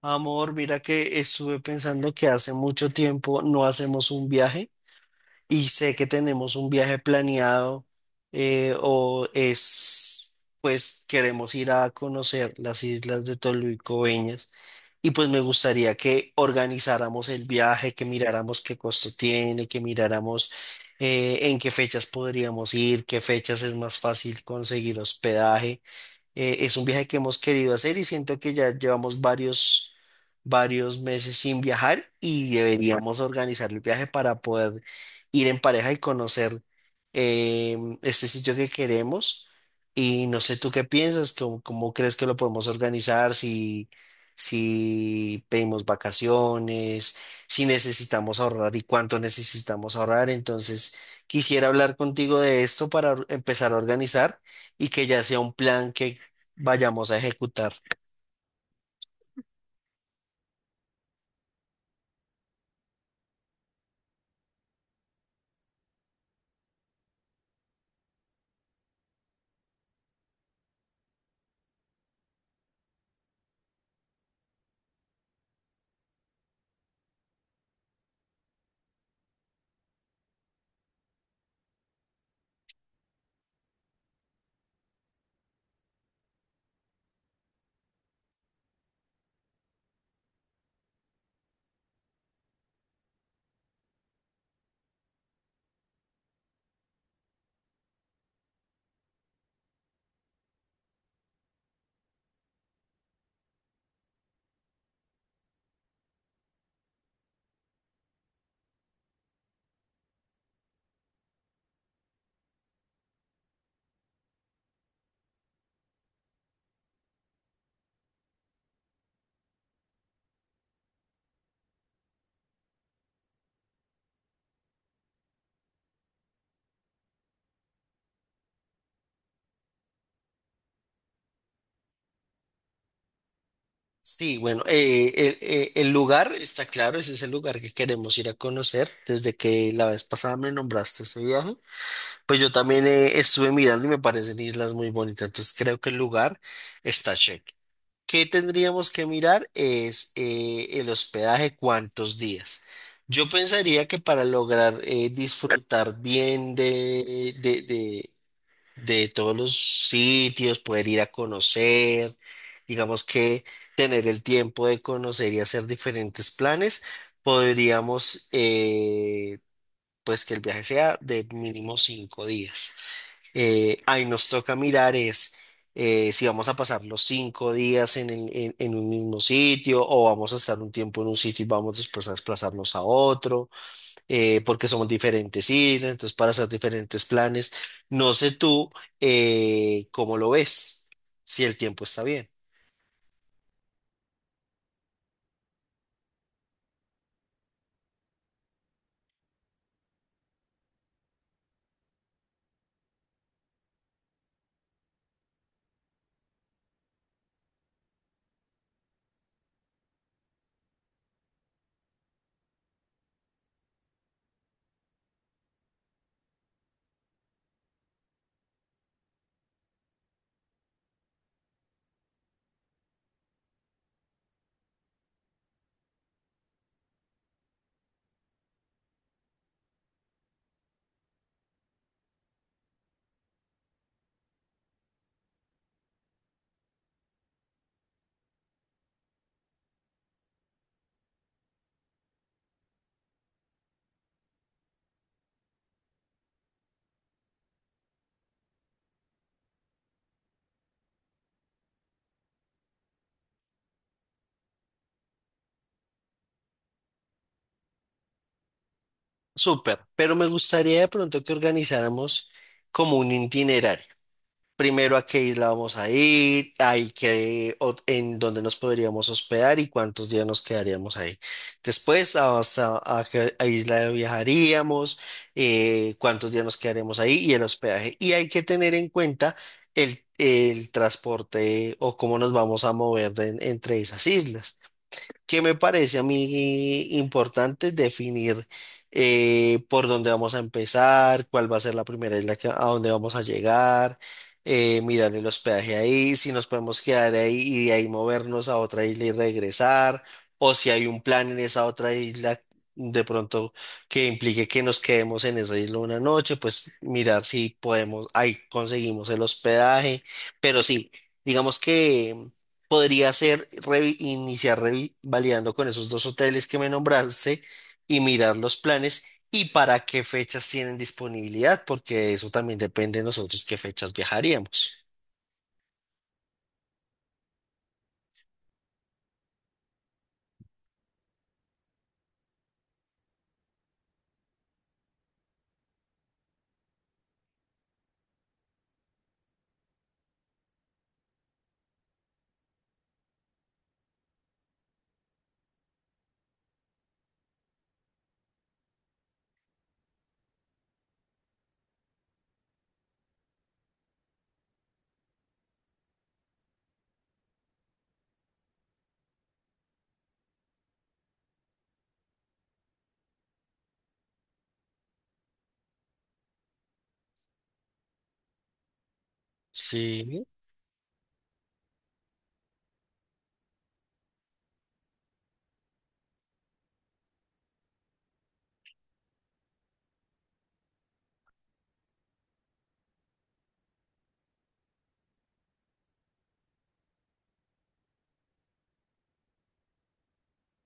Amor, mira que estuve pensando que hace mucho tiempo no hacemos un viaje y sé que tenemos un viaje planeado eh, o es, pues queremos ir a conocer las islas de Tolú y Coveñas y pues me gustaría que organizáramos el viaje, que miráramos qué costo tiene, que miráramos en qué fechas podríamos ir, qué fechas es más fácil conseguir hospedaje. Es un viaje que hemos querido hacer y siento que ya llevamos varios meses sin viajar y deberíamos organizar el viaje para poder ir en pareja y conocer este sitio que queremos. Y no sé tú qué piensas, cómo, cómo crees que lo podemos organizar, si pedimos vacaciones, si necesitamos ahorrar y cuánto necesitamos ahorrar. Entonces, quisiera hablar contigo de esto para empezar a organizar y que ya sea un plan que vayamos a ejecutar. Sí, bueno, el lugar está claro, ese es el lugar que queremos ir a conocer. Desde que la vez pasada me nombraste ese viaje, pues yo también estuve mirando y me parecen islas muy bonitas. Entonces creo que el lugar está check. ¿Qué tendríamos que mirar? Es el hospedaje, cuántos días. Yo pensaría que para lograr disfrutar bien de todos los sitios, poder ir a conocer, digamos que tener el tiempo de conocer y hacer diferentes planes, podríamos, eh, pues que el viaje sea de mínimo 5 días. Ahí nos toca mirar es si vamos a pasar los 5 días en, el- en un mismo sitio o vamos a estar un tiempo en un sitio y vamos después a desplazarnos a otro porque somos diferentes islas, entonces para hacer diferentes planes. No sé tú cómo lo ves, si el tiempo está bien. Súper, pero me gustaría de pronto que organizáramos como un itinerario. Primero a qué isla vamos a ir, en dónde nos podríamos hospedar y cuántos días nos quedaríamos ahí. Después, a- hasta a qué a isla viajaríamos, cuántos días nos quedaríamos ahí y el hospedaje. Y hay que tener en cuenta el transporte o cómo nos vamos a mover entre esas islas que me parece a mí importante definir por dónde vamos a empezar, cuál va a ser la primera isla a dónde vamos a llegar, mirar el hospedaje ahí, si nos podemos quedar ahí y de ahí movernos a otra isla y regresar, o si hay un plan en esa otra isla de pronto que implique que nos quedemos en esa isla una noche, pues mirar si podemos, ahí conseguimos el hospedaje, pero sí, digamos que... Podría ser iniciar revalidando con esos dos hoteles que me nombraste y mirar los planes y para qué fechas tienen disponibilidad, porque eso también depende de nosotros qué fechas viajaríamos. Sí.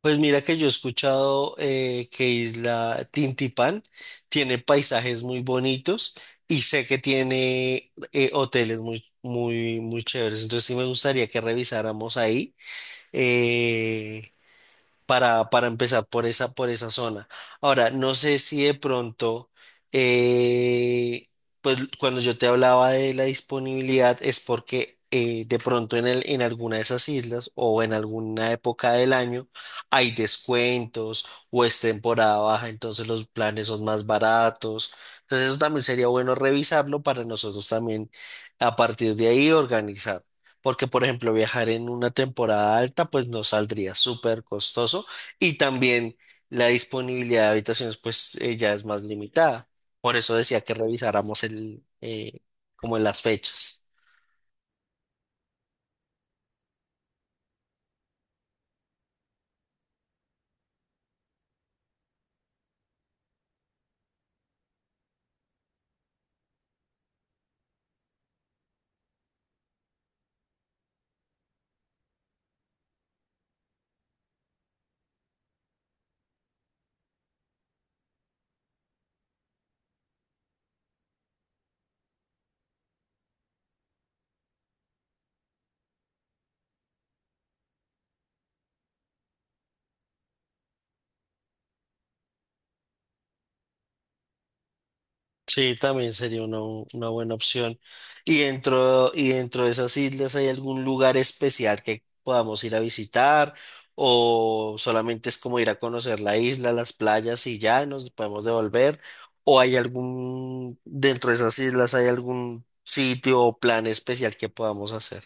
Pues mira que yo he escuchado que Isla Tintipán tiene paisajes muy bonitos y sé que tiene hoteles muy, muy, muy chéveres. Entonces sí me gustaría que revisáramos ahí. eh, para empezar por esa, zona. Ahora, no sé si de pronto, eh, pues cuando yo te hablaba de la disponibilidad es porque de pronto en alguna de esas islas o en alguna época del año hay descuentos o es temporada baja, entonces los planes son más baratos. Entonces eso también sería bueno revisarlo para nosotros también a partir de ahí organizar. Porque, por ejemplo, viajar en una temporada alta, pues nos saldría súper costoso y también la disponibilidad de habitaciones, pues ya es más limitada. Por eso decía que revisáramos como las fechas. Sí, también sería una buena opción. Y dentro de esas islas, ¿hay algún lugar especial que podamos ir a visitar? ¿O solamente es como ir a conocer la isla, las playas y ya y nos podemos devolver? ¿O hay algún, dentro de esas islas, hay algún sitio o plan especial que podamos hacer?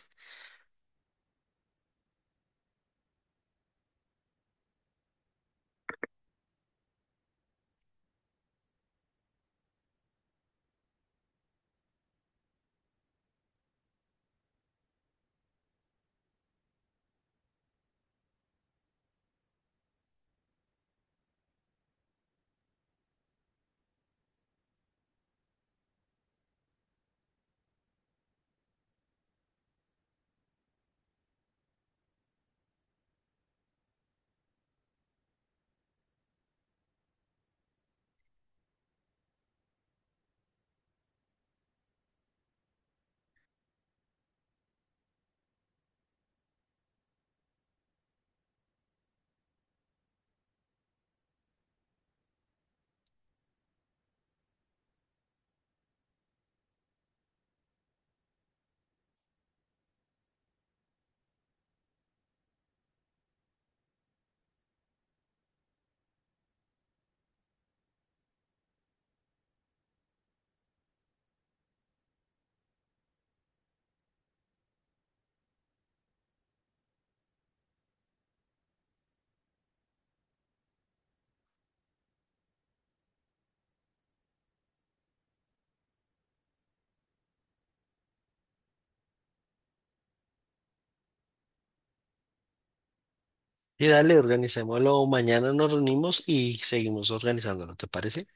Y dale, organicémoslo. Mañana nos reunimos y seguimos organizándolo, ¿te parece?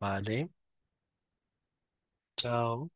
Vale, chao.